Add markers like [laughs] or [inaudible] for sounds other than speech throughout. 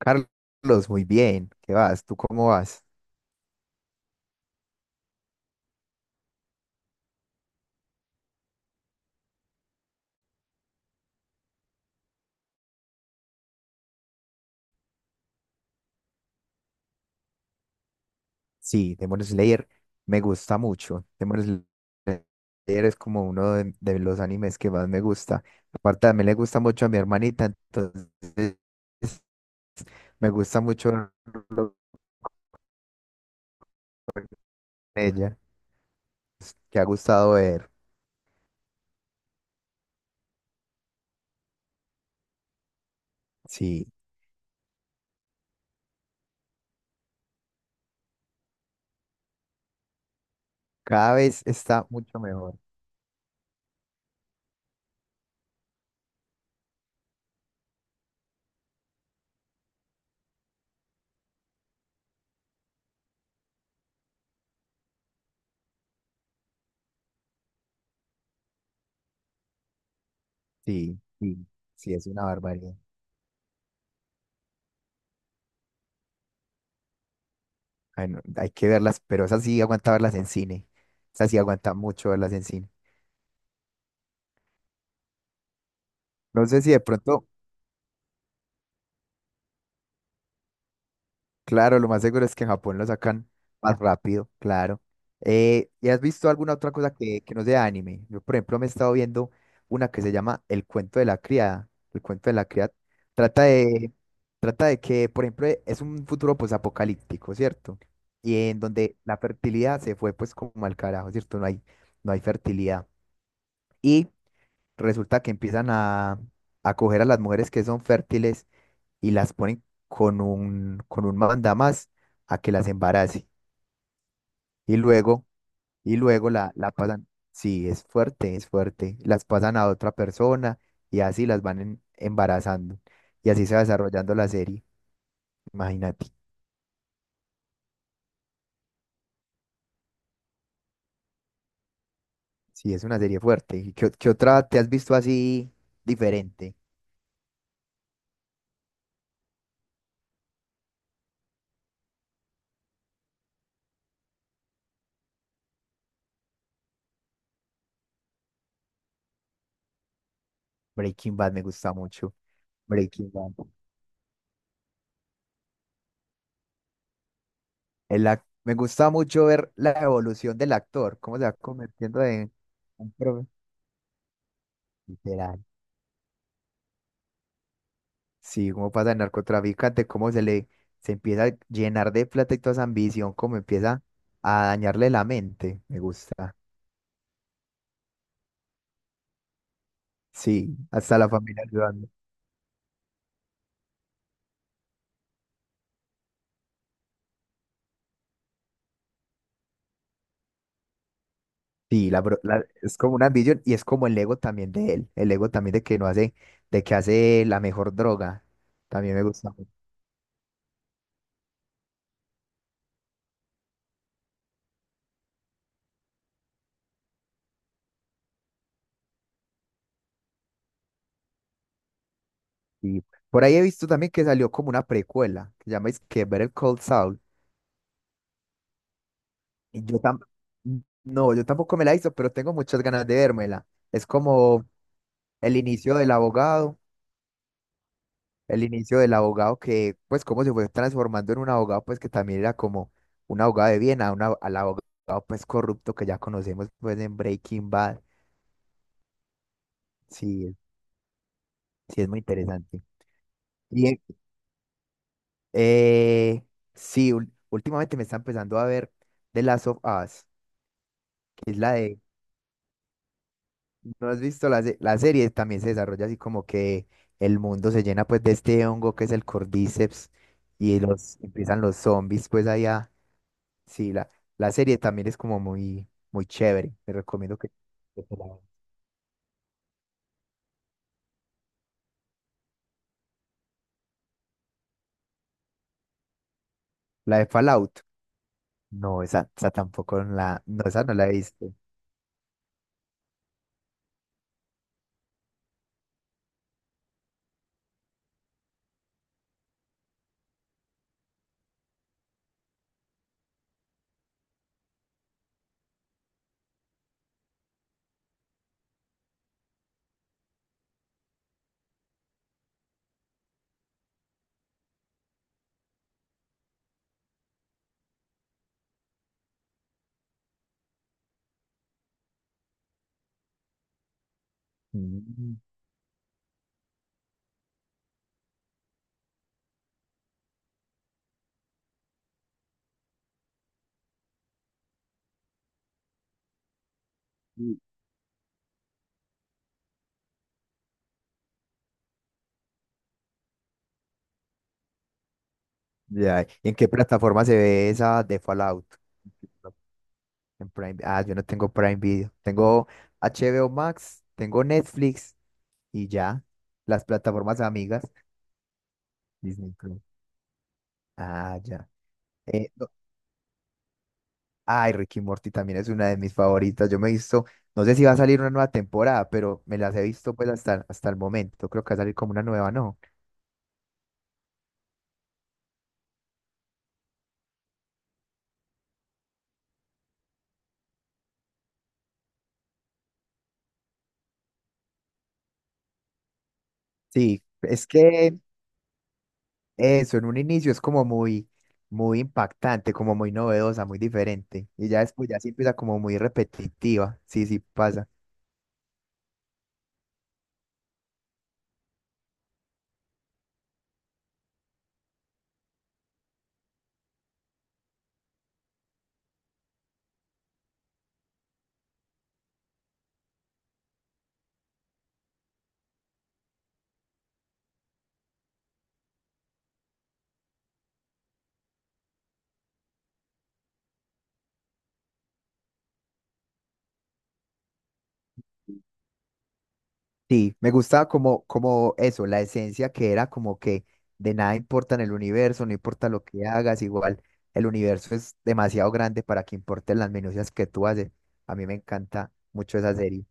Carlos, muy bien. ¿Qué vas? ¿Tú cómo vas? Sí, Demon Slayer me gusta mucho. Demon Slayer es como uno de los animes que más me gusta. Aparte, también le gusta mucho a mi hermanita, entonces me gusta mucho verlo con ella. Pues, que ha gustado ver. Sí, cada vez está mucho mejor. Sí, sí, sí, es una barbaridad. Ay, no, hay que verlas, pero esas sí aguanta verlas en cine. Esas sí aguanta mucho verlas en cine. No sé si de pronto. Claro, lo más seguro es que en Japón lo sacan más rápido, claro. ¿Y has visto alguna otra cosa que no sea anime? Yo, por ejemplo, me he estado viendo una que se llama El cuento de la criada. El cuento de la criada trata de, trata de que, por ejemplo, es un futuro pues apocalíptico, ¿cierto? Y en donde la fertilidad se fue pues como al carajo, ¿cierto? No hay fertilidad. Y resulta que a coger a las mujeres que son fértiles y las ponen con con un mandamás a que las embarace. Y luego, y luego la pasan, sí, es fuerte, las pasan a otra persona y así las van embarazando. Y así se va desarrollando la serie, imagínate. Sí, es una serie fuerte. ¿Y qué, qué otra te has visto así diferente? Breaking Bad me gusta mucho. Breaking Bad. Me gusta mucho ver la evolución del actor, cómo se va convirtiendo en un pro. Literal. Sí, como pasa el narcotraficante, cómo se empieza a llenar de plata y toda esa ambición, cómo empieza a dañarle la mente. Me gusta. Sí, hasta la familia ayudando. Sí, es como una ambición y es como el ego también de él, el ego también de que no hace, de que hace la mejor droga. También me gusta mucho. Y por ahí he visto también que salió como una precuela, que se llama es que ver el Cold Soul. Y yo tam No, yo tampoco me la hizo, pero tengo muchas ganas de vérmela. Es como el inicio del abogado, el inicio del abogado que, pues, cómo se fue transformando en un abogado, pues, que también era como un abogado de bien al abogado, pues, corrupto que ya conocemos, pues, en Breaking Bad. Sí, es- sí, es muy interesante. Y, eh, eh, sí, últimamente me está empezando a ver The Last of Us, que es la de, ¿no has visto la serie? También se desarrolla así como que el mundo se llena, pues, de este hongo que es el Cordyceps y los, empiezan los zombies, pues, allá. Sí, la serie también es como muy, muy chévere. Que te la veas. La de Fallout. No, esa tampoco no, esa no la he visto. Mm, sí. Ya, ¿y en qué plataforma se ve esa de Fallout? En Prime. Ah, yo no tengo Prime Video. Tengo HBO Max, tengo Netflix y ya. Las plataformas amigas. Disney Plus. Ah, ya. No, Ay, Ricky Morty también es una de mis favoritas. Yo me he visto, no sé si va a salir una nueva temporada, pero me las he visto pues hasta, hasta el momento. Creo que va a salir como una nueva, ¿no? Sí, es que eso en un inicio es como muy, muy impactante, como muy novedosa, muy diferente. Y ya después ya sí empieza como muy repetitiva. Sí, sí pasa. Sí, me gustaba como, como eso, la esencia que era como que de nada importa en el universo, no importa lo que hagas, igual el universo es demasiado grande para que importen las minucias que tú haces. A mí me encanta mucho esa serie.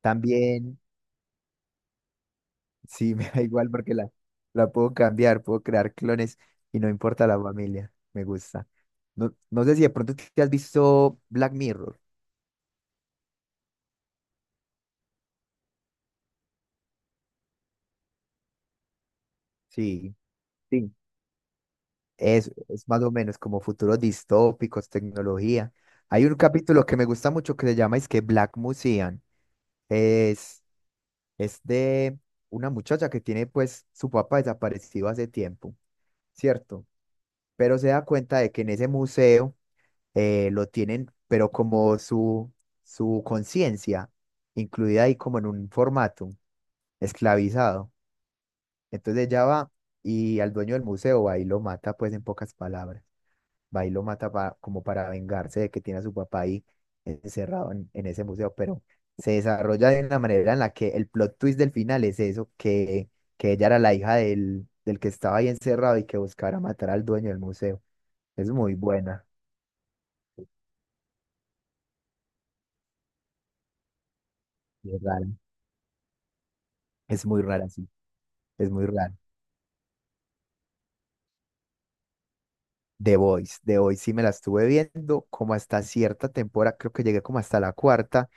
También, sí, [laughs] me da igual porque la puedo cambiar, puedo crear clones y no importa la familia, me gusta. No, no sé si de pronto te has visto Black Mirror. Sí. Sí. Es más o menos como futuros distópicos, tecnología. Hay un capítulo que me gusta mucho que se llama es que Black Museum. Es, es de una muchacha que tiene pues su papá desaparecido hace tiempo, ¿cierto? Pero se da cuenta de que en ese museo lo tienen, pero como su conciencia, incluida ahí como en un formato esclavizado. Entonces ella va y al dueño del museo va y lo mata pues en pocas palabras. Va y lo mata como para vengarse de que tiene a su papá ahí encerrado en ese museo, pero se desarrolla de una manera en la que el plot twist del final es eso, que ella era la hija del que estaba ahí encerrado y que buscara matar al dueño del museo. Es muy buena, y es rara, es muy rara, sí, es muy rara. The Voice, The Voice sí me la estuve viendo como hasta cierta temporada, creo que llegué como hasta la cuarta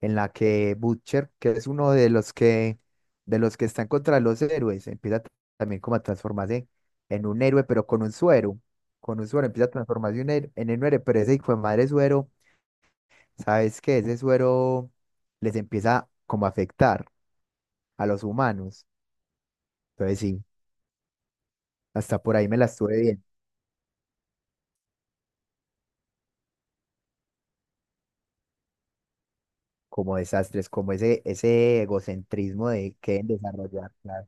en la que Butcher, que es uno de los que están contra los héroes, también como a transformarse en un héroe, pero con un suero. Con un suero empieza a transformarse en un héroe, pero ese hijo de madre suero, ¿sabes qué? Ese suero les empieza como a afectar a los humanos. Entonces sí, hasta por ahí me la estuve bien, como desastres, como ese egocentrismo de que desarrollar. Claro,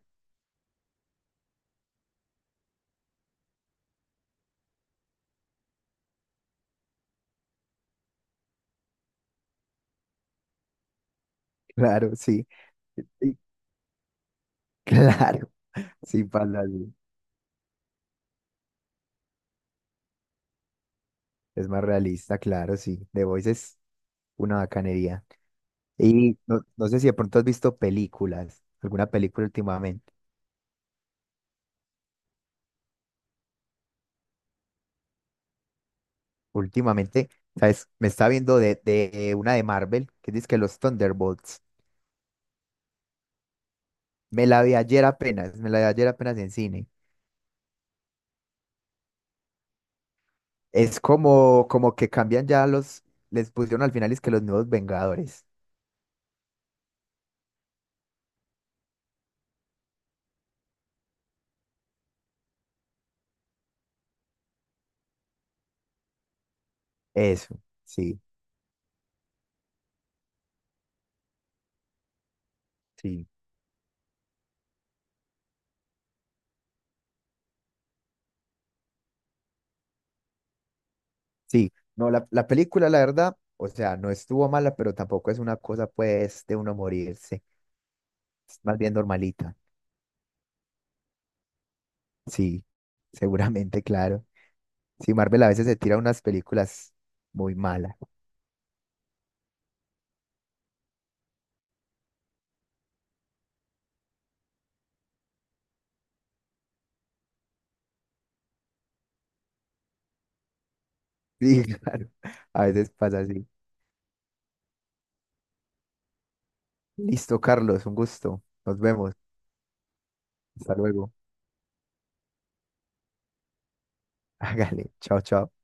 [laughs] claro, sí. Sí, claro, sí, pasa. Sí. Es más realista, claro, sí. The Voice es una bacanería. Y no, no sé si de pronto has visto películas, alguna película últimamente. Últimamente, ¿sabes? Me estaba viendo de una de Marvel, que dice que los Thunderbolts. Me la vi ayer apenas, me la vi ayer apenas en cine. Es como, como que cambian ya los, les pusieron al final es que los nuevos Vengadores. Eso, sí, sí, sí. No, la película, la verdad, o sea, no estuvo mala, pero tampoco es una cosa, pues, de uno morirse, es más bien normalita. Sí, seguramente, claro. Sí, Marvel a veces se tira unas películas muy malas. Sí, [laughs] claro. A veces pasa así. Listo, Carlos, un gusto. Nos vemos. Hasta luego. [laughs] Hágale. Chao, chao.